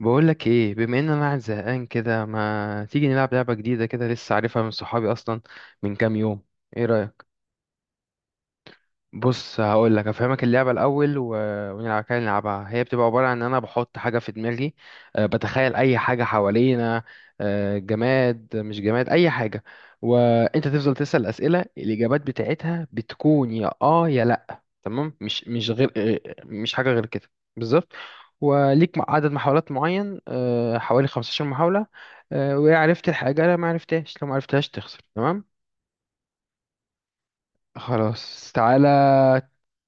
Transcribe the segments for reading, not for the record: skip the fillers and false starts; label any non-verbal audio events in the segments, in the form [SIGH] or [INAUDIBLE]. بقولك ايه؟ بما ان انا قاعد زهقان كده، ما تيجي نلعب لعبة جديدة كده؟ لسه عارفها من صحابي اصلا من كام يوم. ايه رأيك؟ بص هقول لك افهمك اللعبه الاول ونلعب كده. نلعبها هي بتبقى عباره عن ان انا بحط حاجه في دماغي. بتخيل اي حاجه حوالينا. جماد مش جماد اي حاجه. وانت تفضل تسال اسئله، الاجابات بتاعتها بتكون يا اه يا لا. تمام؟ مش غير مش حاجه غير كده. بالظبط. وليك عدد محاولات معين، حوالي 15 محاوله. وعرفت الحاجه، لا ما عرفتهاش، لو ما عرفتهاش تخسر. تمام؟ خلاص تعالى.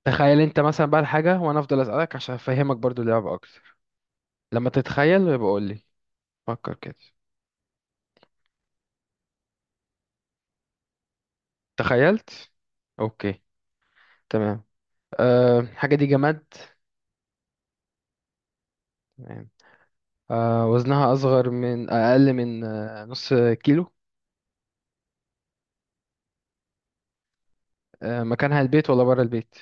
تخيل انت مثلا بقى الحاجة، وانا افضل اسألك عشان افهمك برضو اللعبة اكتر. لما تتخيل يبقى قول لي. فكر كده. تخيلت؟ اوكي. تمام. الحاجة دي جماد؟ تمام. وزنها اصغر من، اقل من نص كيلو؟ مكانها البيت ولا بره البيت؟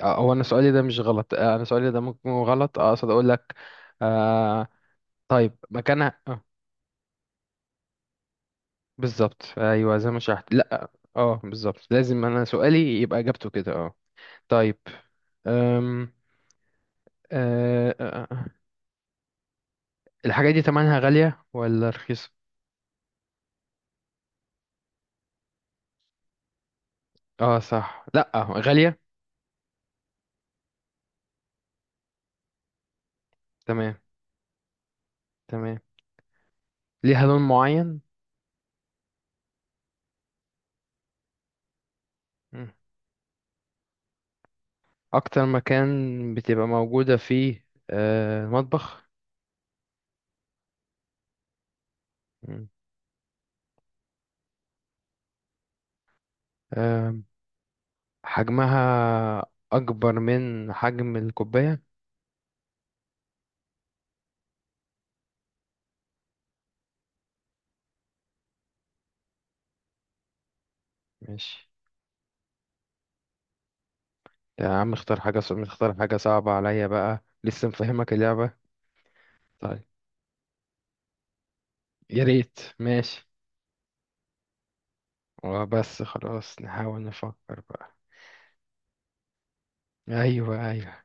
هو انا سؤالي ده مش غلط، انا سؤالي ده ممكن يكون غلط، اقصد اقول لك. آه. طيب مكانها آه. بالظبط، ايوه زي ما شرحت. لا اه، بالظبط لازم انا سؤالي يبقى اجابته كده اه. طيب. أم... أه آه، آه. الحاجة دي تمنها غالية ولا رخيصة؟ اه صح، لأ غالية. تمام. تمام. ليها لون معين؟ مم. أكتر مكان بتبقى موجودة فيه المطبخ؟ مم. أه. حجمها أكبر من حجم الكوباية؟ ماشي. يا عم اختار حاجة صعبة، اختار حاجة صعبة عليا بقى، لسه مفهمك اللعبة. طيب، يا ريت، ماشي. وبس خلاص نحاول نفكر بقى. أيوه أيوه.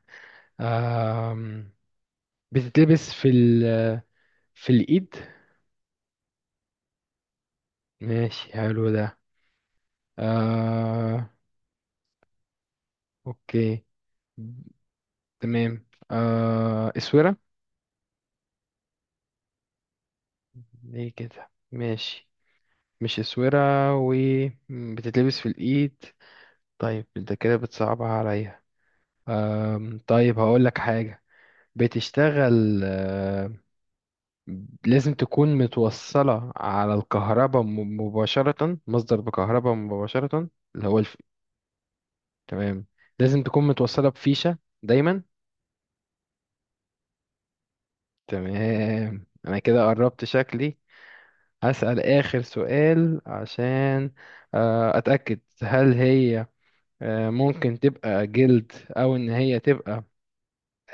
أم... بتتلبس في الإيد. ماشي حلو ده. آه. أوكي. تمام، آه اسورة؟ ليه كده؟ ماشي مش اسورة. و بتتلبس في الإيد. طيب انت كده بتصعبها عليا. آه طيب هقول لك حاجة. بتشتغل آه، لازم تكون متوصلة على الكهرباء مباشرة، مصدر بكهرباء مباشرة، اللي هو الف... تمام، لازم تكون متوصلة بفيشة دايما؟ تمام انا كده قربت شكلي. هسأل آخر سؤال عشان أتأكد. هل هي ممكن تبقى جلد او ان هي تبقى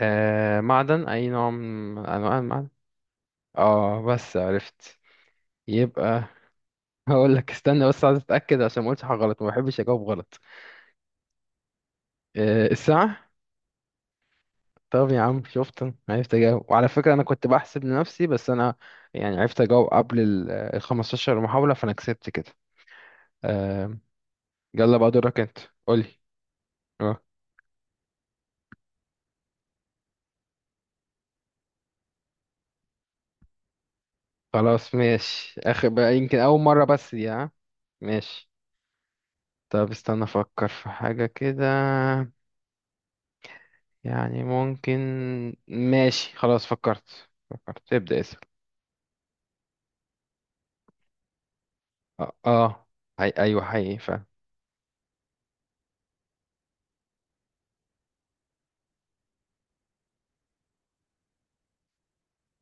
معدن، اي نوع من انواع المعدن؟ اه بس عرفت. يبقى هقول لك. استنى بس، عايز اتاكد عشان ما اقولش حاجه غلط، ما بحبش اجاوب غلط. الساعه. طب يا عم شفت، أنا عرفت اجاوب. وعلى فكره انا كنت بحسب لنفسي، بس انا يعني عرفت اجاوب قبل ال 15 محاوله، فانا كسبت كده. آه. يلا بقى دورك انت. قولي. اه. خلاص ماشي، اخر بقى يمكن اول مرة بس دي، ها ماشي. طب استنى افكر في حاجة كده. يعني ممكن. ماشي خلاص فكرت فكرت، ابدأ اسأل. اه اه. ايوه حقيقي فعلا.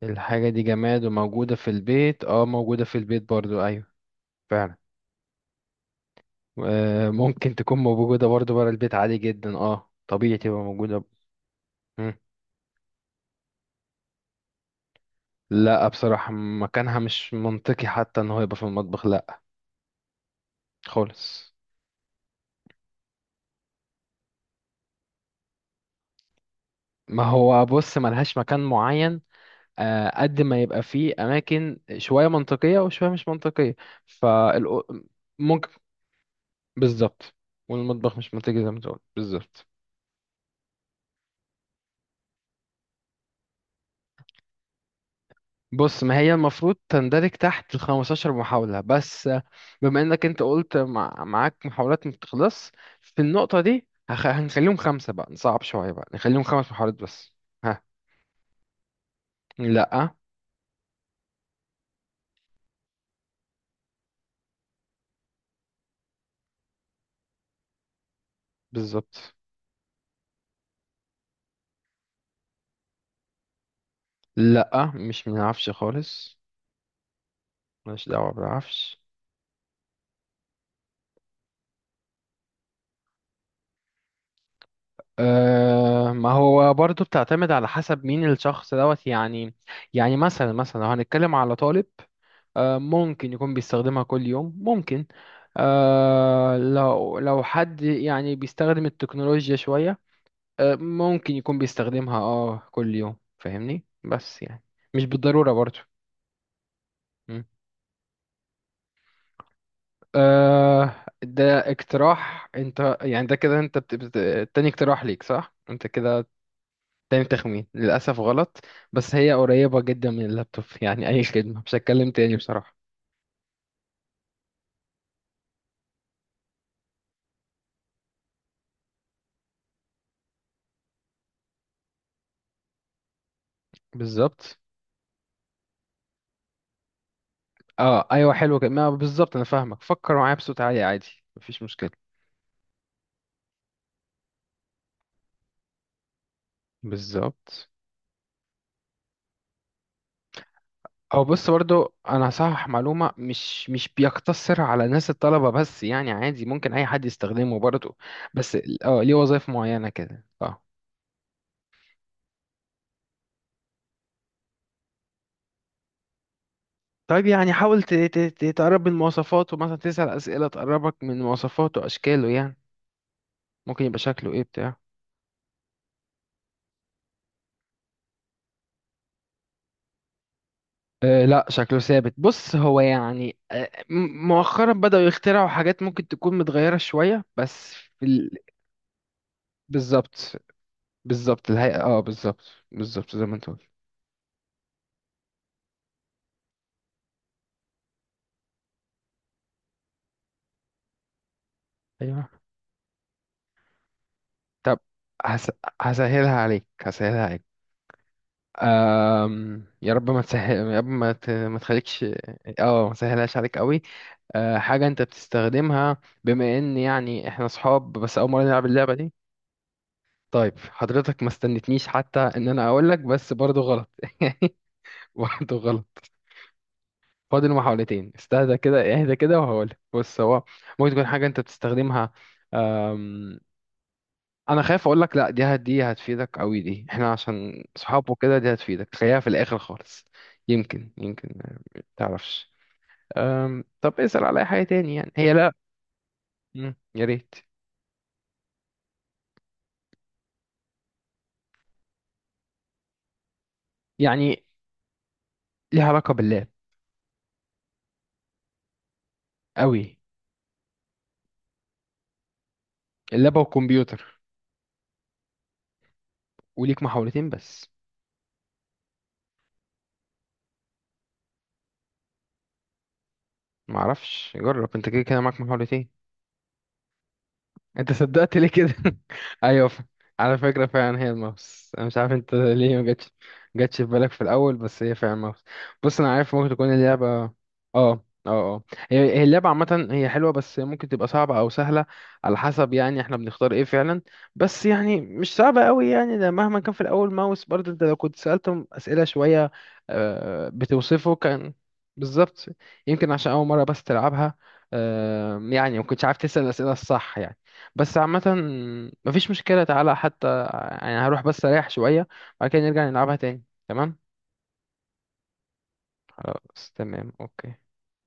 الحاجة دي جماد وموجودة في البيت، اه موجودة في البيت برضو، ايوه فعلا. آه ممكن تكون موجودة برضو برا البيت عادي جدا، اه طبيعي تبقى موجودة. مم. لا بصراحة مكانها مش منطقي حتى ان هو يبقى في المطبخ، لا خالص. ما هو بص ملهاش مكان معين، قد ما يبقى فيه أماكن شوية منطقية وشوية مش منطقية. فالأ... ممكن. بالظبط. والمطبخ مش منطقي زي ما تقول، بالظبط. بص ما هي المفروض تندرج تحت ال 15 محاولة بس بما إنك أنت قلت معاك محاولات ما بتخلص، في النقطة دي هنخليهم خمسة بقى، نصعب شوية بقى نخليهم خمس محاولات بس. ها؟ لأ. بالظبط. لأ مش منعرفش خالص. ماليش دعوة بالعفش. ما هو برضو بتعتمد على حسب مين الشخص دوت يعني. يعني مثلا لو هنتكلم على طالب، ممكن يكون بيستخدمها كل يوم، ممكن. لو حد يعني بيستخدم التكنولوجيا شوية، ممكن يكون بيستخدمها اه كل يوم، فاهمني؟ بس يعني مش بالضرورة برضو. مم. أه ده اقتراح انت يعني، ده كده انت تاني اقتراح ليك، صح؟ انت كده تاني تخمين للأسف غلط. بس هي قريبة جدا من اللابتوب يعني، أي خدمة مش هتكلم تاني بصراحة. بالظبط. اه أيوة حلوة كده، ما بالظبط أنا فاهمك، فكر معايا بصوت عالي عادي، مفيش مشكلة. بالظبط. او بص برضو انا هصحح معلومه، مش بيقتصر على ناس الطلبه بس يعني، عادي ممكن اي حد يستخدمه برضو، بس اه ليه وظائف معينه كده اه. طيب يعني حاول تقرب من مواصفاته، مثلا تسأل اسئله تقربك من مواصفاته، اشكاله يعني، ممكن يبقى شكله ايه بتاع. لا شكله ثابت. بص هو يعني أه مؤخرا بدأوا يخترعوا حاجات ممكن تكون متغيرة شوية، بس بالظبط. بالظبط الهيئة، اه بالظبط. بالظبط زي ما انت قلت. ايوه. طب هس... هسهلها عليك. يا رب ما تسهل، يا رب ما تخليكش. اه ما سهلهاش عليك قوي. حاجة انت بتستخدمها، بما ان يعني احنا صحاب بس اول مرة نلعب اللعبة دي. طيب حضرتك ما استنتنيش حتى ان انا اقول لك، بس برضو غلط. [LAUGHS] واحد غلط. فاضل محاولتين. استهدى كده، اهدى كده، وهقولك. بص هو ممكن تكون حاجة انت بتستخدمها. أم، انا خايف اقولك، لا دي دي هتفيدك قوي، دي احنا عشان صحاب وكده دي هتفيدك، خليها في الاخر خالص. يمكن يمكن ما تعرفش. طب اسأل على اي حاجة تاني يعني، هي لا. يا ريت. يعني ليها علاقة باللاب قوي؟ اللاب والكمبيوتر. وليك محاولتين بس. معرفش جرب انت، كده كده معاك محاولتين. انت صدقت ليه كده؟ [LAUGHS] ايوه على فكره فعلا هي الماوس، انا مش عارف انت ليه ما جاتش في بالك في الاول، بس هي فعلا الماوس. بص انا عارف ممكن تكون اللعبه اه اه اه، هي اللعبه عامه هي حلوه، بس ممكن تبقى صعبه او سهله على حسب يعني احنا بنختار ايه فعلا. بس يعني مش صعبه قوي يعني، ده مهما كان في الاول ماوس برضه، انت لو كنت سالتهم اسئله شويه بتوصفه كان بالظبط. يمكن عشان اول مره بس تلعبها، يعني ما كنتش عارف تسال الاسئله الصح يعني. بس عامة مفيش مشكلة تعالى، حتى يعني هروح بس أريح شوية بعد كده نرجع نلعبها تاني. تمام؟ خلاص تمام. أوكي.